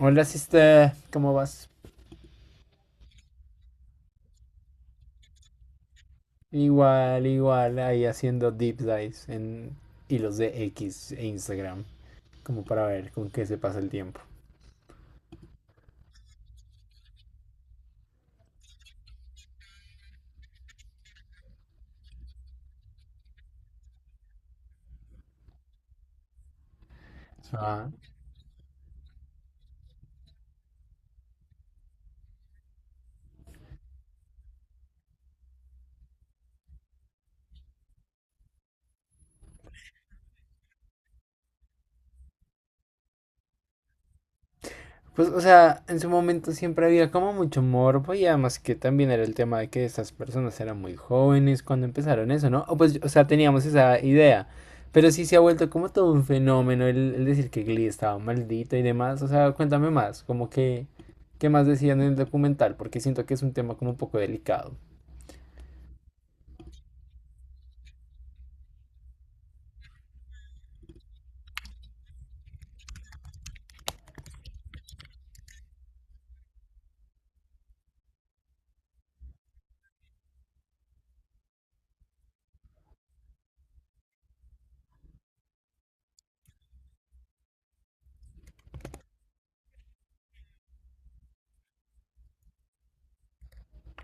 Hola, sister. ¿Cómo vas? Igual, igual, ahí haciendo deep dives en hilos de X e Instagram, como para ver con qué se pasa el tiempo. Ah, pues, o sea, en su momento siempre había como mucho morbo y además que también era el tema de que estas personas eran muy jóvenes cuando empezaron eso, ¿no? O pues, o sea, teníamos esa idea. Pero sí se ha vuelto como todo un fenómeno el decir que Glee estaba maldito y demás. O sea, cuéntame más, como que, ¿qué más decían en el documental? Porque siento que es un tema como un poco delicado.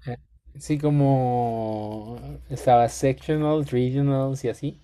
Eh, Sí, como estaba sectional, regionals y así.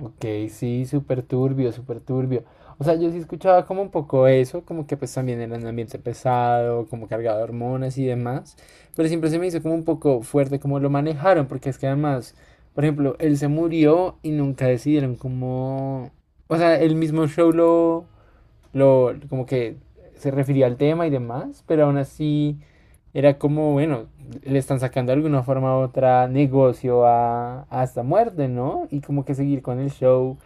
Ok, sí, súper turbio, súper turbio. O sea, yo sí escuchaba como un poco eso, como que pues también era un ambiente pesado, como cargado de hormonas y demás, pero siempre se me hizo como un poco fuerte como lo manejaron, porque es que además, por ejemplo, él se murió y nunca decidieron cómo... O sea, el mismo show lo, como que se refería al tema y demás, pero aún así era como, bueno, le están sacando de alguna forma u otra negocio a esta muerte, ¿no? Y como que seguir con el show.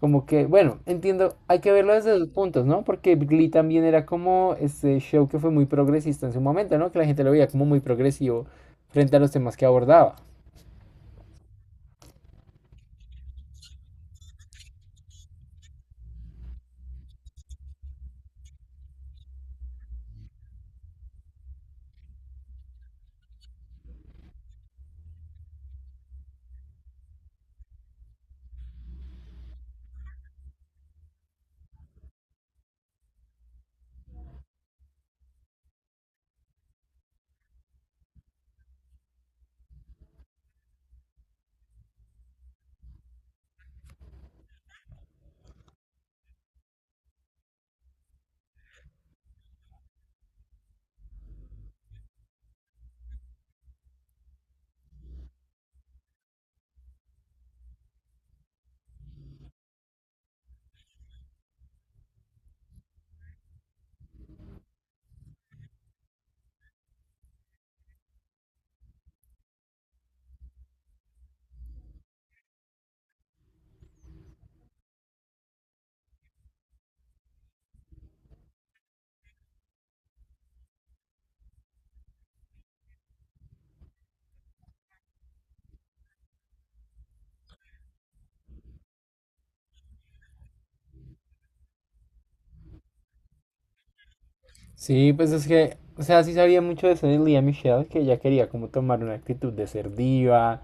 Como que, bueno, entiendo, hay que verlo desde dos puntos, ¿no? Porque Glee también era como este show que fue muy progresista en su momento, ¿no? Que la gente lo veía como muy progresivo frente a los temas que abordaba. Sí, pues es que, o sea, sí sabía mucho de Celine Michelle, que ella quería como tomar una actitud de ser diva,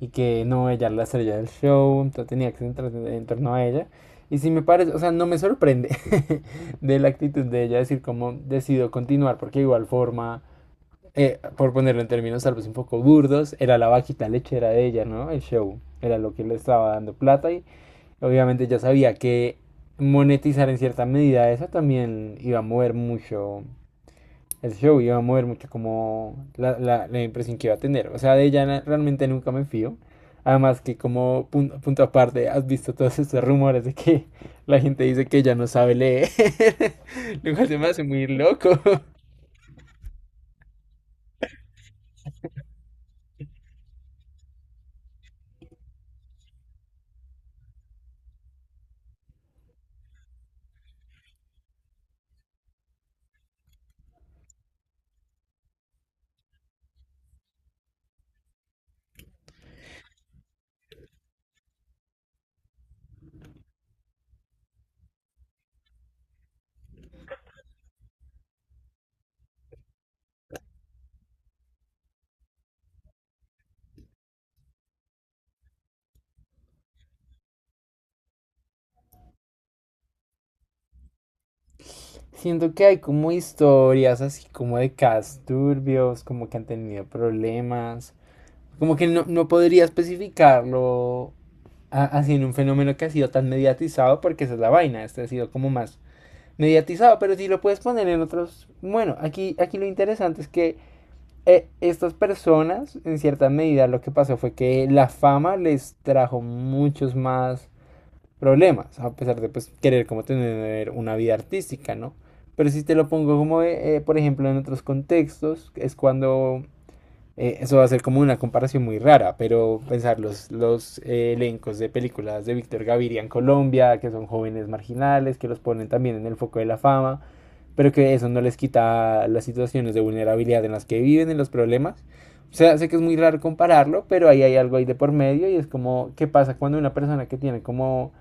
y que no, ella era la estrella del show, entonces tenía que centrarse en torno a ella. Y si me parece, o sea, no me sorprende de la actitud de ella decir cómo decidió continuar, porque de igual forma, por ponerlo en términos tal vez un poco burdos, era la vaquita lechera de ella, ¿no? El show era lo que le estaba dando plata y obviamente ya sabía que monetizar en cierta medida eso también iba a mover mucho el show iba a mover mucho como la impresión que iba a tener. O sea, de ella realmente nunca me fío. Además que como punto, aparte, ¿has visto todos estos rumores de que la gente dice que ella no sabe leer, lo cual se me hace muy loco? Siento que hay como historias así como de casos turbios, como que han tenido problemas, como que no, no podría especificarlo así en un fenómeno que ha sido tan mediatizado porque esa es la vaina, este ha sido como más mediatizado, pero si lo puedes poner en otros, bueno, aquí lo interesante es que estas personas, en cierta medida, lo que pasó fue que la fama les trajo muchos más problemas, a pesar de pues, querer como tener una vida artística, ¿no? Pero si te lo pongo como, por ejemplo, en otros contextos, es cuando eso va a ser como una comparación muy rara, pero pensar los elencos de películas de Víctor Gaviria en Colombia, que son jóvenes marginales, que los ponen también en el foco de la fama, pero que eso no les quita las situaciones de vulnerabilidad en las que viven, en los problemas. O sea, sé que es muy raro compararlo, pero ahí hay algo ahí de por medio y es como, ¿qué pasa cuando una persona que tiene como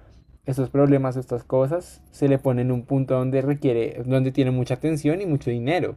estos problemas, estas cosas, se le pone en un punto donde requiere, donde tiene mucha atención y mucho dinero?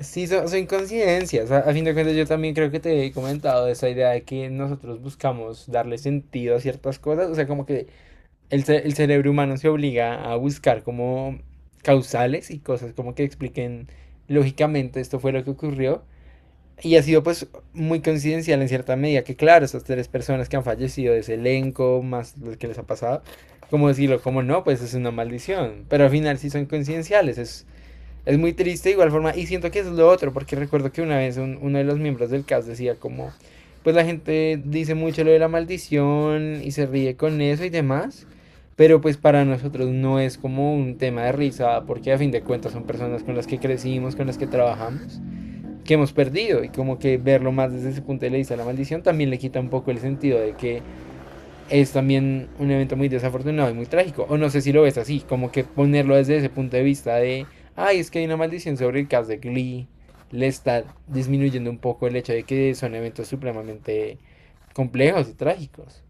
Sí, son coincidencias. A fin de cuentas, yo también creo que te he comentado esa idea de que nosotros buscamos darle sentido a ciertas cosas. O sea, como que el cerebro humano se obliga a buscar como causales y cosas como que expliquen lógicamente esto fue lo que ocurrió. Y ha sido pues muy coincidencial en cierta medida que claro, esas tres personas que han fallecido de ese elenco, más lo que les ha pasado, como decirlo, como no, pues es una maldición. Pero al final sí son coincidenciales, es muy triste de igual forma y siento que eso es lo otro, porque recuerdo que una vez uno de los miembros del cast decía como, pues la gente dice mucho lo de la maldición y se ríe con eso y demás, pero pues para nosotros no es como un tema de risa, porque a fin de cuentas son personas con las que crecimos, con las que trabajamos, que hemos perdido y como que verlo más desde ese punto de vista, la maldición también le quita un poco el sentido de que es también un evento muy desafortunado y muy trágico. O no sé si lo ves así, como que ponerlo desde ese punto de vista de, ay, es que hay una maldición sobre el cast de Glee, le está disminuyendo un poco el hecho de que son eventos supremamente complejos y trágicos.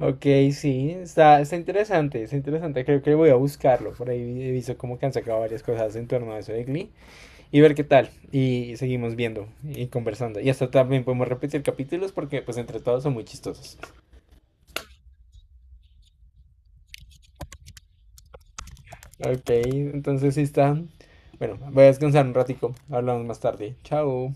Ok, sí, está interesante, creo que voy a buscarlo, por ahí he visto como que han sacado varias cosas en torno a eso de Glee y ver qué tal, y seguimos viendo y conversando, y hasta también podemos repetir capítulos porque pues entre todos son muy chistosos. Ok, entonces sí está. Bueno, voy a descansar un ratico. Hablamos más tarde. Chao.